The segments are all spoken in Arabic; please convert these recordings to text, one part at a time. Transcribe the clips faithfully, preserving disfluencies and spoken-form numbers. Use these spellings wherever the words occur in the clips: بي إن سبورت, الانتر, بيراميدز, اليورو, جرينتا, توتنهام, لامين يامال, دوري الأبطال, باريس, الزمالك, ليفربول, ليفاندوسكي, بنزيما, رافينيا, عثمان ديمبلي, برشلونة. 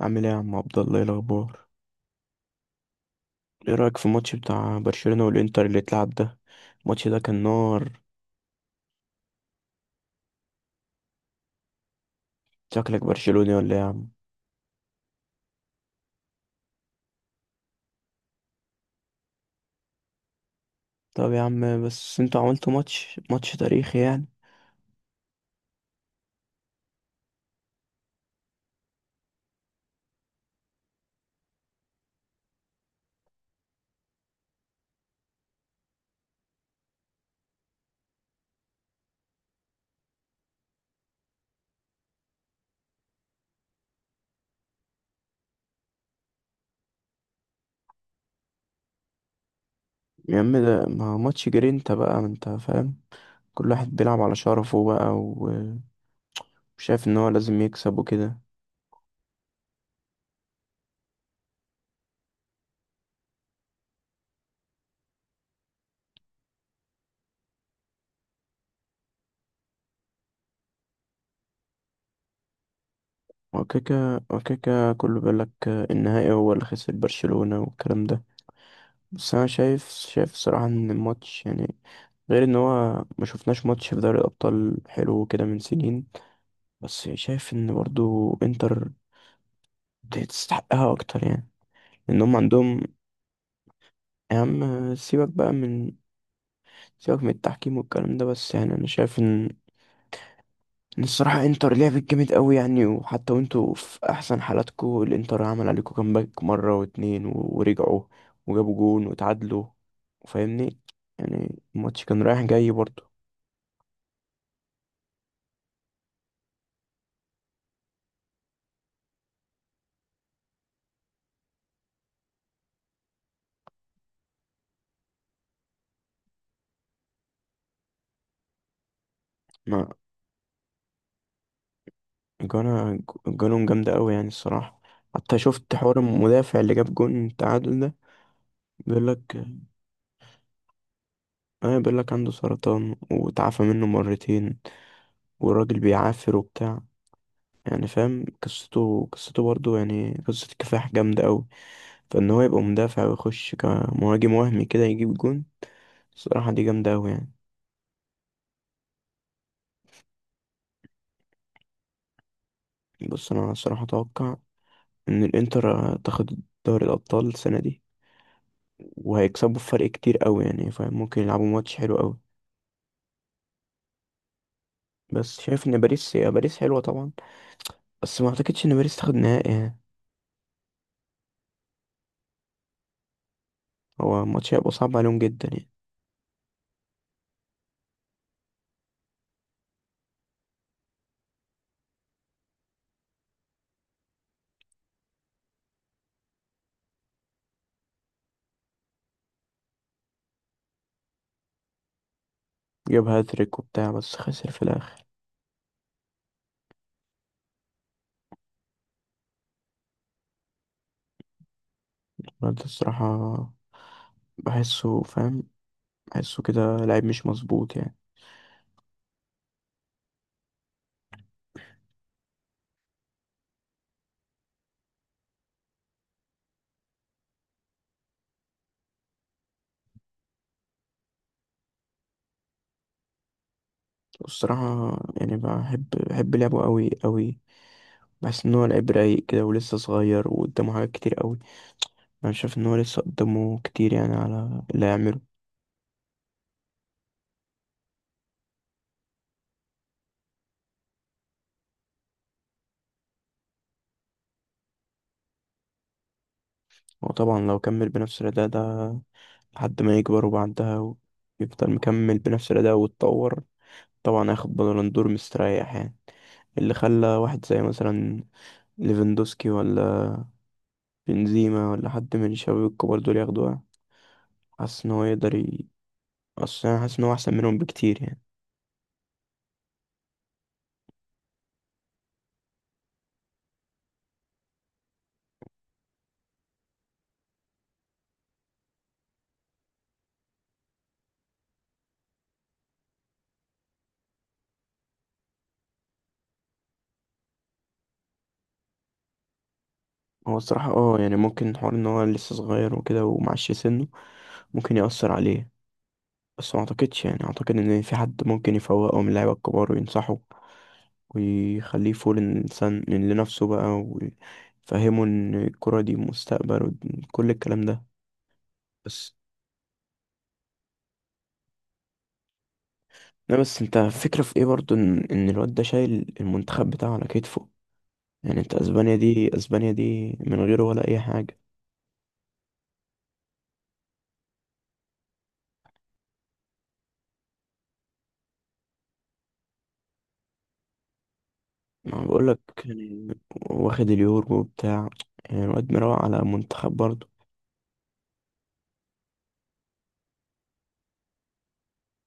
عامل ايه يا عم عبد الله؟ ايه الاخبار؟ ايه رايك في الماتش بتاع برشلونه والانتر اللي اتلعب ده؟ الماتش ده كان نار. شكلك برشلوني ولا ايه يا عم؟ طب يا عم بس انتوا عملتوا ماتش ماتش تاريخي يعني. يا عم ده ما ماتش جرينتا بقى، ما انت فاهم. كل واحد بيلعب على شرفه بقى و- وشايف ان هو لازم يكسب وكده. وكيكا وكيكا كله بيقول لك النهائي هو اللي خسر برشلونه والكلام ده. بس انا شايف شايف صراحة ان الماتش يعني، غير ان هو ما شفناش ماتش في دوري الابطال حلو كده من سنين. بس شايف ان برضو انتر تستحقها اكتر يعني، ان هم عندهم. يا عم سيبك بقى من سيبك من التحكيم والكلام ده. بس يعني انا شايف ان ان الصراحة انتر لعبت جامد قوي يعني، وحتى وانتوا في احسن حالاتكوا الانتر عمل عليكوا كامباك مرة واتنين و- ورجعوا وجابوا جون وتعادلوا. فاهمني؟ يعني الماتش كان رايح جاي برضو. جانا جانهم جامدة أوي يعني الصراحة. حتى شفت حوار المدافع اللي جاب جون التعادل ده، بيقولك اه بيقولك عنده سرطان وتعافى منه مرتين، والراجل بيعافر وبتاع، يعني فاهم قصته قصته برضه، يعني قصة كفاح جامدة أوي. فإن هو يبقى مدافع ويخش كمهاجم وهمي كده يجيب جون، الصراحة دي جامدة أوي يعني. بص أنا الصراحة أتوقع إن الإنتر تاخد دوري الأبطال السنة دي، وهيكسبوا فرق كتير أوي يعني، فممكن يلعبوا ماتش حلو أوي. بس شايف ان باريس، يا باريس حلوة طبعا، بس ما اعتقدش ان باريس تاخد نهائي يعني. هو الماتش هيبقى صعب عليهم جدا يعني. جاب هاتريك وبتاع بس خسر في الاخر. رد الصراحة، بحسه فاهم، بحسه كده لعيب مش مظبوط يعني. والصراحة يعني بحب بحب لعبه قوي قوي. بحس ان هو لعيب رايق كده ولسه صغير وقدامه حاجات كتير قوي. انا شايف ان هو لسه قدامه كتير يعني، على اللي هيعمله. هو طبعا لو كمل بنفس الاداء ده لحد ما يكبر، وبعدها يفضل مكمل بنفس الأداء ويتطور، طبعا هياخد بالون دور مستريح يعني. اللي خلى واحد زي مثلا ليفاندوسكي، ولا بنزيما، ولا حد من الشباب الكبار دول ياخدوها. حاسس ان هو يقدر ي... اصل انا حاسس ان هو احسن منهم بكتير يعني. هو الصراحة اه يعني ممكن حوار ان هو لسه صغير وكده ومعش سنه، ممكن يأثر عليه. بس ما اعتقدش يعني، اعتقد ان في حد ممكن يفوقه من اللعيبة الكبار وينصحه ويخليه فول الإنسان لنفسه بقى، ويفهمه إن الكرة دي مستقبل وكل الكلام ده بس. لا بس انت فكرة في ايه برضو، ان ان الواد ده شايل المنتخب بتاعه على كتفه. يعني انت اسبانيا دي، اسبانيا دي من غيره ولا اي حاجة. ما بقولك يعني. واخد اليورو بتاع، يعني الواد مروق على منتخب برضو.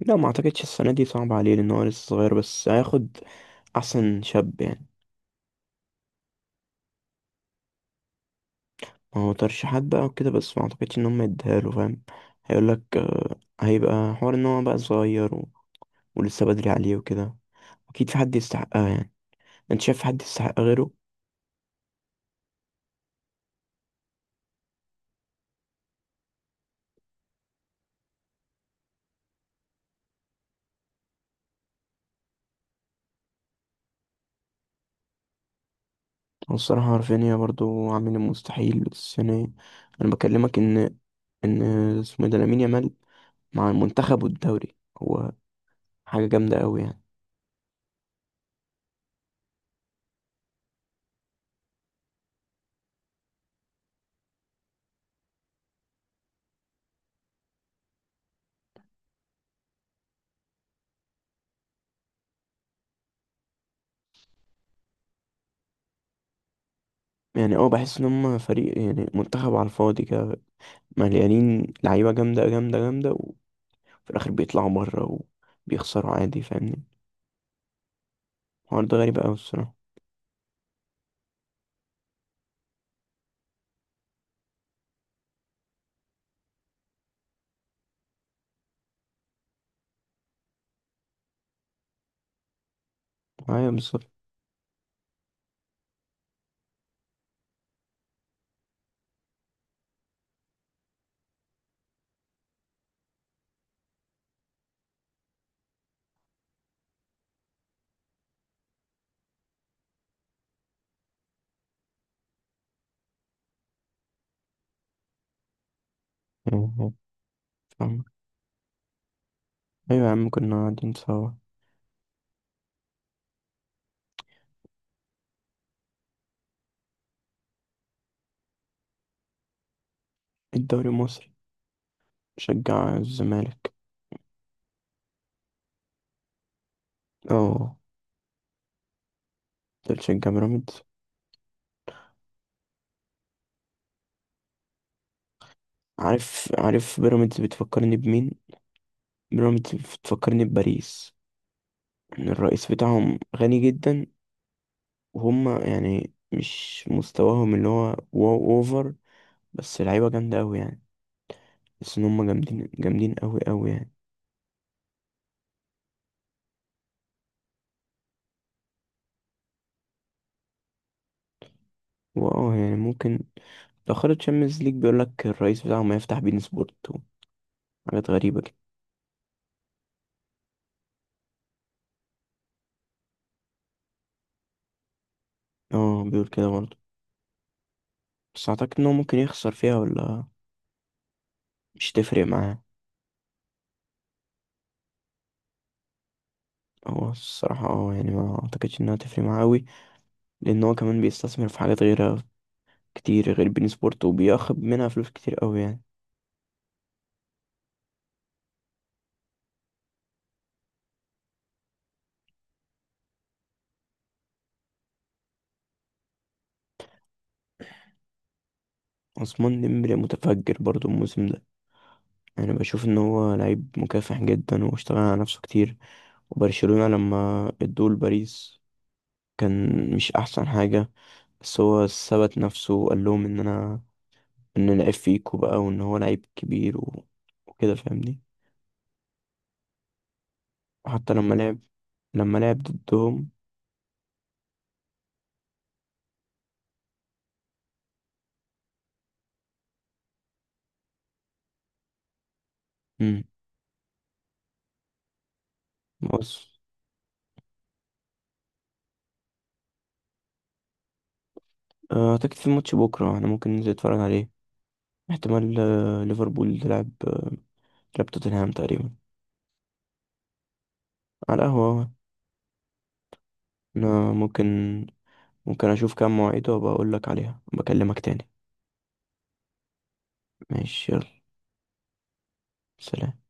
لا ما اعتقدش السنة دي، صعب عليه لان هو لسه صغير، بس هياخد احسن شاب يعني. ما هو ترشيحات بقى وكده، بس ما اعتقدش ان هم يديها له، فاهم. هيقولك آه، هيبقى حوار ان هو بقى صغير و... ولسه بدري عليه وكده. اكيد في حد يستحقها يعني، انت شايف في حد يستحق غيره؟ والصراحة رافينيا برضو عامل المستحيل بس يعني. أنا بكلمك إن إن اسمه إيه ده، لامين يامال مع المنتخب والدوري، هو حاجة جامدة أوي يعني. يعني أه بحس إن هما فريق يعني، منتخب على الفاضي كده، مليانين لعيبة جامدة جامدة جامدة، وفي الآخر بيطلعوا بره وبيخسروا عادي، فاهمني. الحوار ده غريب أوي الصراحة. أيوة بالظبط. أيوة، فاهمك. أيوة يا عم كنا قاعدين سوا. الدوري المصري، بشجع الزمالك. أه. أنت بتشجع بيراميدز؟ عارف عارف بيراميدز بتفكرني بمين؟ بيراميدز بتفكرني بباريس، ان الرئيس بتاعهم غني جدا، وهم يعني مش مستواهم اللي هو واو اوفر، بس لعيبه جامده قوي يعني، بس ان هم جامدين جامدين قوي قوي يعني. واه يعني ممكن. لو خدت تشامبيونز ليج بيقول لك الرئيس بتاعهم هيفتح بين سبورت، حاجات غريبه كده. اه بيقول كده برضه. بس اعتقد ان هو ممكن يخسر فيها، ولا مش تفرق معاه. هو الصراحه اه يعني ما اعتقدش انها تفرق معاه قوي، لان هو كمان بيستثمر في حاجات غيرها كتير غير بين سبورت، وبياخد منها فلوس كتير قوي يعني. عثمان ديمبلي متفجر برضو الموسم ده. انا بشوف ان هو لعيب مكافح جدا واشتغل على نفسه كتير، وبرشلونة لما ادوه لباريس كان مش احسن حاجة، بس هو ثبت نفسه وقال لهم ان انا ان أنا لعيب فيكو بقى، وان هو لعيب كبير و... وكده فاهمني. وحتى لما مم. لعب لما لعب ضدهم. امم بص، آه، اعتقد في ماتش بكرة انا ممكن ننزل نتفرج عليه. احتمال آه، ليفربول تلعب تلعب توتنهام تقريبا. على القهوة أهو. أنا ممكن ممكن أشوف كام مواعيد وأبقى أقول لك عليها، بكلمك تاني. ماشي يلا، سلام.